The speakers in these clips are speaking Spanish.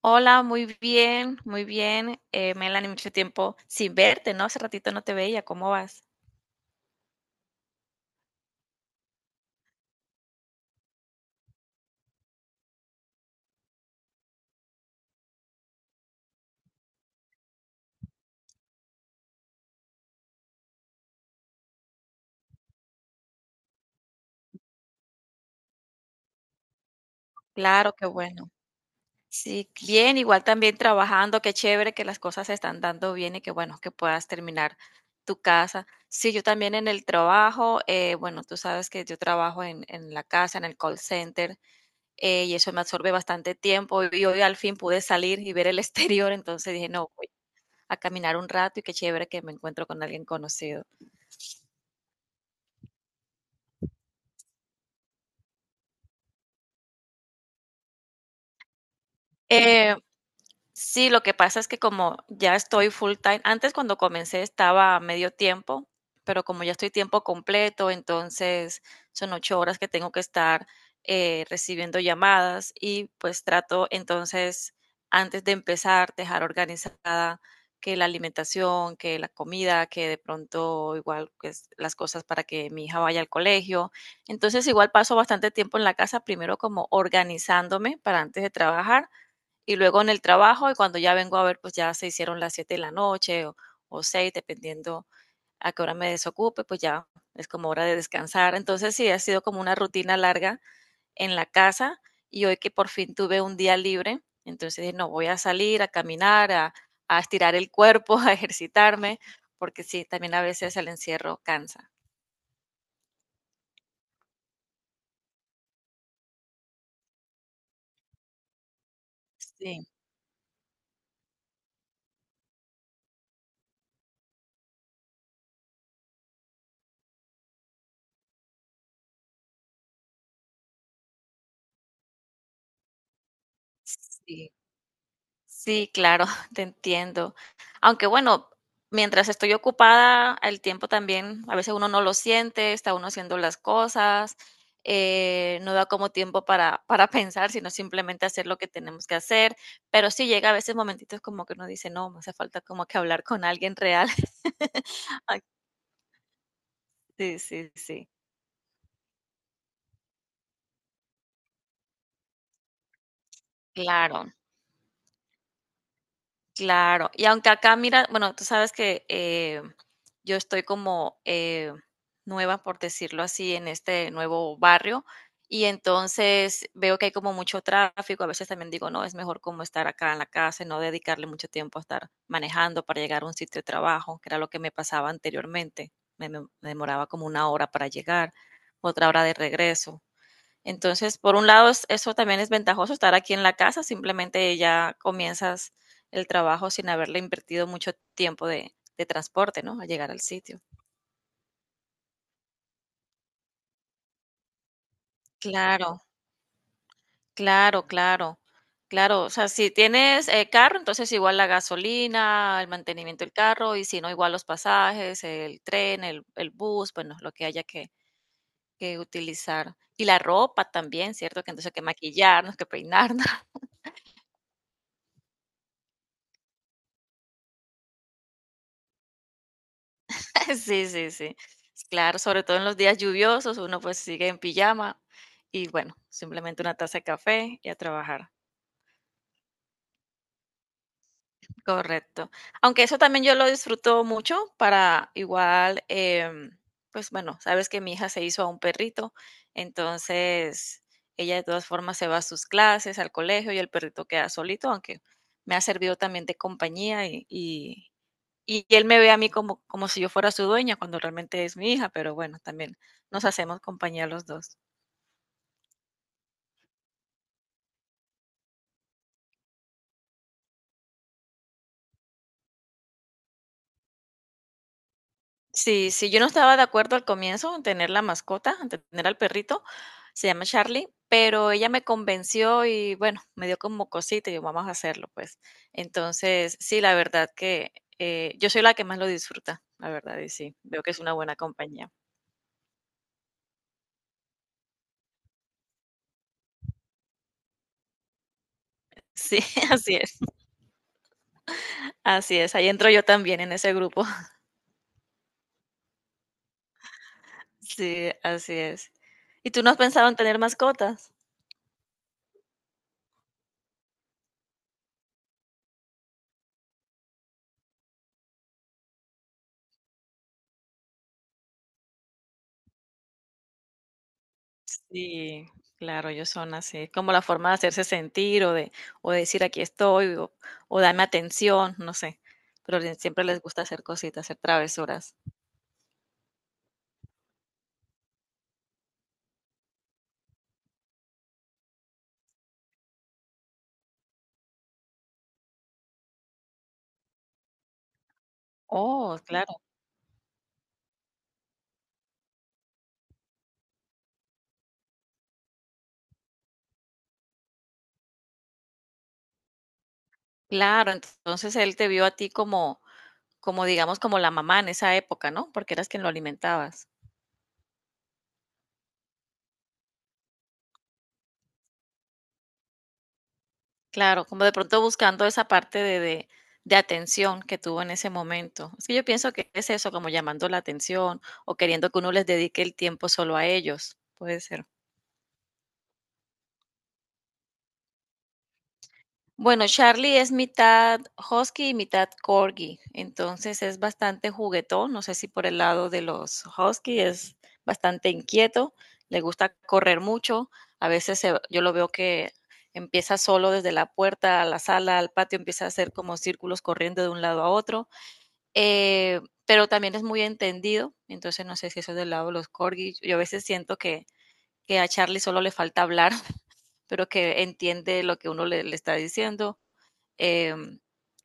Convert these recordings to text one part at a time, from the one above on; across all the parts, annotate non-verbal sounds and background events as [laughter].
Hola, muy bien, muy bien. Melanie, mucho tiempo sin verte, ¿no? Hace ratito no te veía, ¿cómo vas? Claro, qué bueno. Sí, bien, igual también trabajando, qué chévere que las cosas se están dando bien y que bueno, que puedas terminar tu casa. Sí, yo también en el trabajo, bueno, tú sabes que yo trabajo en la casa, en el call center, y eso me absorbe bastante tiempo y hoy al fin pude salir y ver el [laughs] exterior. Entonces dije, no, voy a caminar un rato y qué chévere que me encuentro con alguien conocido. Eh, Sí, lo que pasa es que como ya estoy full time, antes cuando comencé estaba a medio tiempo, pero como ya estoy tiempo completo, entonces son 8 horas que tengo que estar recibiendo llamadas, y pues trato entonces antes de empezar dejar organizada que la alimentación, que la comida, que de pronto igual pues, las cosas para que mi hija vaya al colegio. Entonces igual paso bastante tiempo en la casa, primero como organizándome para antes de trabajar y luego en el trabajo, y cuando ya vengo a ver, pues ya se hicieron las 7 de la noche o 6, dependiendo a qué hora me desocupe, pues ya es como hora de descansar. Entonces sí, ha sido como una rutina larga en la casa, y hoy que por fin tuve un día libre, entonces dije, no, voy a salir a caminar, a estirar el cuerpo, [laughs] a ejercitarme, porque sí, también a veces el encierro cansa. Sí, sí. Sí, claro, [laughs] te entiendo. Aunque bueno, mientras estoy ocupada, el tiempo también, a veces uno no lo siente, está uno haciendo las cosas, no da como tiempo para, [laughs] para pensar, sino simplemente hacer lo que tenemos que hacer. Pero sí llega a veces momentitos como que uno dice, no, me hace falta como que hablar con alguien real. [laughs] Ay, sí, sí, sí. Claro. Claro, y aunque acá mira, bueno, tú sabes que yo estoy como nueva, por decirlo así, en este nuevo barrio, y entonces veo que hay como mucho tráfico. A veces también digo, no, es mejor como estar acá en la casa y no dedicarle mucho tiempo a estar manejando para llegar a un sitio de trabajo, que era lo que me pasaba anteriormente. Me demoraba como una hora para llegar, otra hora de regreso. Entonces, por un lado, eso también es ventajoso estar aquí en la casa, simplemente ya comienzas el trabajo sin haberle invertido mucho tiempo de transporte, ¿no? A llegar al sitio. Claro, claro, claro, claro. O sea, si tienes carro, entonces igual la gasolina, el mantenimiento del carro, y si no, igual los pasajes, el tren, el bus, bueno, lo que haya que utilizar. Y la ropa también, ¿cierto? Que entonces hay que maquillarnos, que peinarnos. [laughs] Sí, sí, sí. Claro, sobre todo en los días lluviosos, uno, pues, sigue en pijama y, bueno, simplemente una taza de café y a trabajar. Correcto. Aunque eso también yo lo disfruto mucho para igual, pues, bueno, sabes que mi hija se hizo a un perrito, entonces ella de todas formas se va a sus clases, al colegio, y el perrito queda solito, aunque me ha servido también de compañía. Y él me ve a mí como, como si yo fuera su dueña, cuando realmente es mi hija, pero bueno, también nos hacemos compañía los dos. Sí, sí, yo no estaba de acuerdo al comienzo en tener la mascota, en tener al perrito, se llama Charlie, pero ella me convenció y bueno, me dio como cosita y yo, vamos a hacerlo, pues. Entonces, sí, la verdad que yo soy la que más lo disfruta, la verdad, y sí, veo que es una buena compañía. Sí, [laughs] así es, así es, ahí entro yo también en ese grupo. Sí, así es. ¿Y tú no has pensado en tener mascotas? Sí, claro, ellos son así, es como la forma de hacerse sentir o de decir aquí estoy o dame atención, no sé, pero le siempre les gusta hacer cositas, hacer travesuras. Oh, claro, claro, entonces él te vio a ti como como digamos, como la mamá en esa época, ¿no? Porque eras quien lo alimentabas. Claro, como de pronto buscando esa parte de atención que tuvo en ese momento. Es que yo pienso que es eso, como llamando la atención o queriendo que uno les dedique el tiempo solo a ellos, puede ser. Bueno, Charlie es mitad husky y mitad corgi, entonces es bastante juguetón, no sé si por el lado de los husky es bastante inquieto, le gusta correr mucho, a veces se yo lo veo que empieza solo desde la puerta a la sala, al patio, empieza a hacer como círculos corriendo de un lado a otro, eh, pero también es muy entendido, entonces no sé si eso es del lado de los corgis. Yo a veces siento que a Charlie solo le falta hablar, [laughs] pero que entiende lo que uno le, le está diciendo. Eh,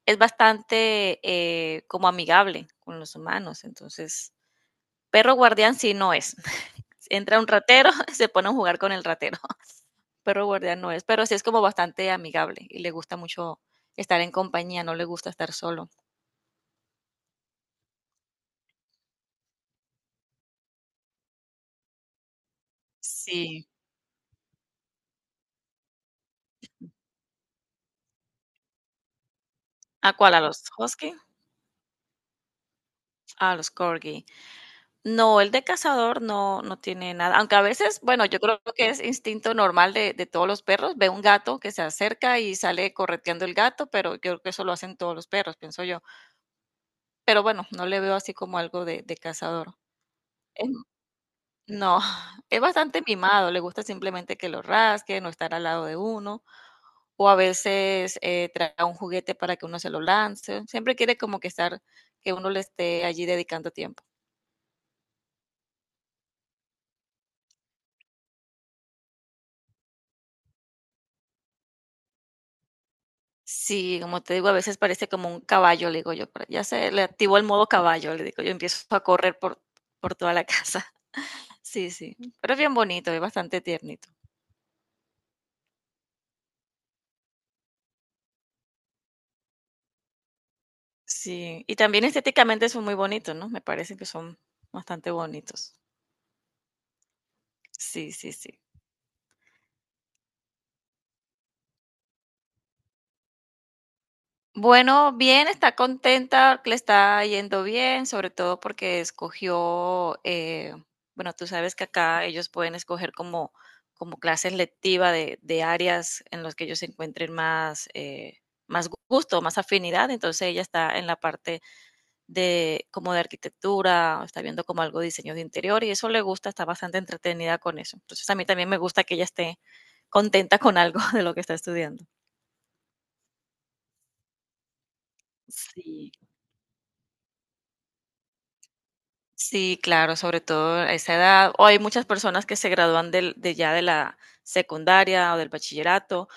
es bastante como amigable con los humanos, entonces perro guardián sí no es. [laughs] Entra un ratero, [laughs] se pone a jugar con el ratero. [laughs] Perro guardián no es, pero sí es como bastante amigable y le gusta mucho estar en compañía, no le gusta estar solo. Sí. ¿A cuál? ¿A los husky? Ah, los corgi. No, el de cazador no, no tiene nada. Aunque a veces, bueno, yo creo que es instinto normal de todos los perros. Ve un gato que se acerca y sale correteando el gato, pero yo creo que eso lo hacen todos los perros, pienso yo. Pero bueno, no le veo así como algo de cazador. Es- no, [laughs] [sighs] es bastante mimado. Le gusta simplemente que lo rasque no estar al lado de uno. O a veces trae un juguete para que uno se lo lance. Siempre quiere como que estar, que uno le esté allí dedicando tiempo. Sí, como te digo, a veces parece como un caballo, le digo yo, pero ya se le activó el modo caballo, le digo yo, empiezo a correr por, toda la casa. [laughs] Sí, sí, pero es bien bonito, es bastante tiernito. Sí, y también estéticamente son muy bonitos, ¿no? Me parece que son bastante bonitos. Sí, sí, sí. Bueno, bien, está contenta, le está yendo bien, sobre todo porque escogió, bueno, tú sabes que acá ellos pueden escoger como clases lectivas de áreas en las que ellos encuentren más, más gusto, más afinidad. Entonces ella está en la parte de como de arquitectura, está viendo como algo de diseño de interior y eso le gusta, está bastante entretenida con eso. Entonces a mí también me gusta que ella esté contenta con algo [laughs] de lo que está estudiando. Sí. Sí, claro, sobre todo a esa edad. O hay muchas personas que se gradúan de ya de la secundaria o del bachillerato,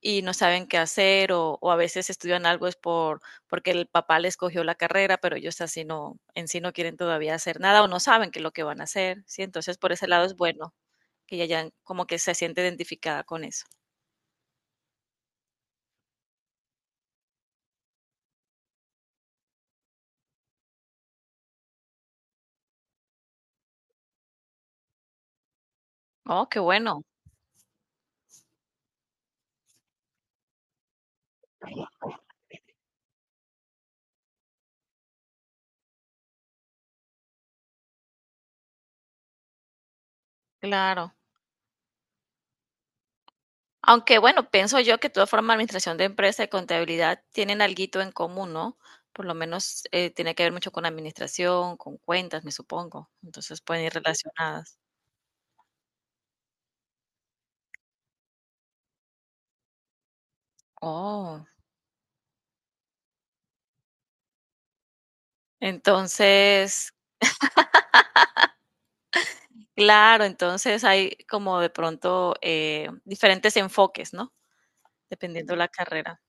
y no saben qué hacer o a veces estudian algo es porque el papá les cogió la carrera, pero ellos así no, en sí no quieren todavía hacer nada o no saben qué es lo que van a hacer, ¿sí? Entonces, por ese lado es bueno que ella ya como que se siente identificada con eso. Oh, qué bueno, claro. Aunque bueno, pienso yo que de todas formas administración de empresa y contabilidad tienen alguito en común, ¿no? Por lo menos tiene que ver mucho con administración, con cuentas, me supongo. Entonces pueden ir relacionadas. Oh, entonces, claro, entonces hay como de pronto diferentes enfoques, ¿no? Dependiendo la carrera.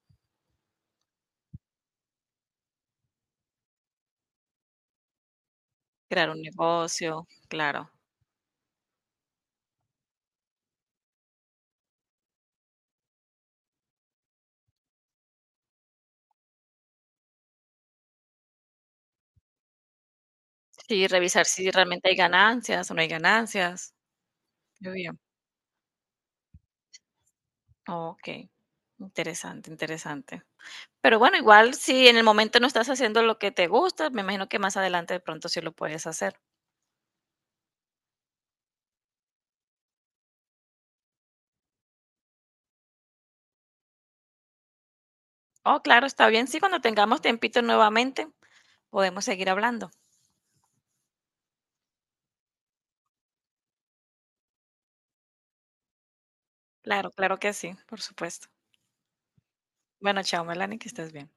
Crear un negocio, claro. Sí, revisar si realmente hay ganancias o no hay ganancias. Muy bien. Ok, interesante, interesante. Pero bueno, igual si en el momento no estás haciendo lo que te gusta, me imagino que más adelante de pronto sí lo puedes hacer. Oh, claro, está bien. Sí, cuando tengamos tiempito nuevamente, podemos seguir hablando. Claro, claro que sí, por supuesto. Bueno, chao, Melanie, que estés bien.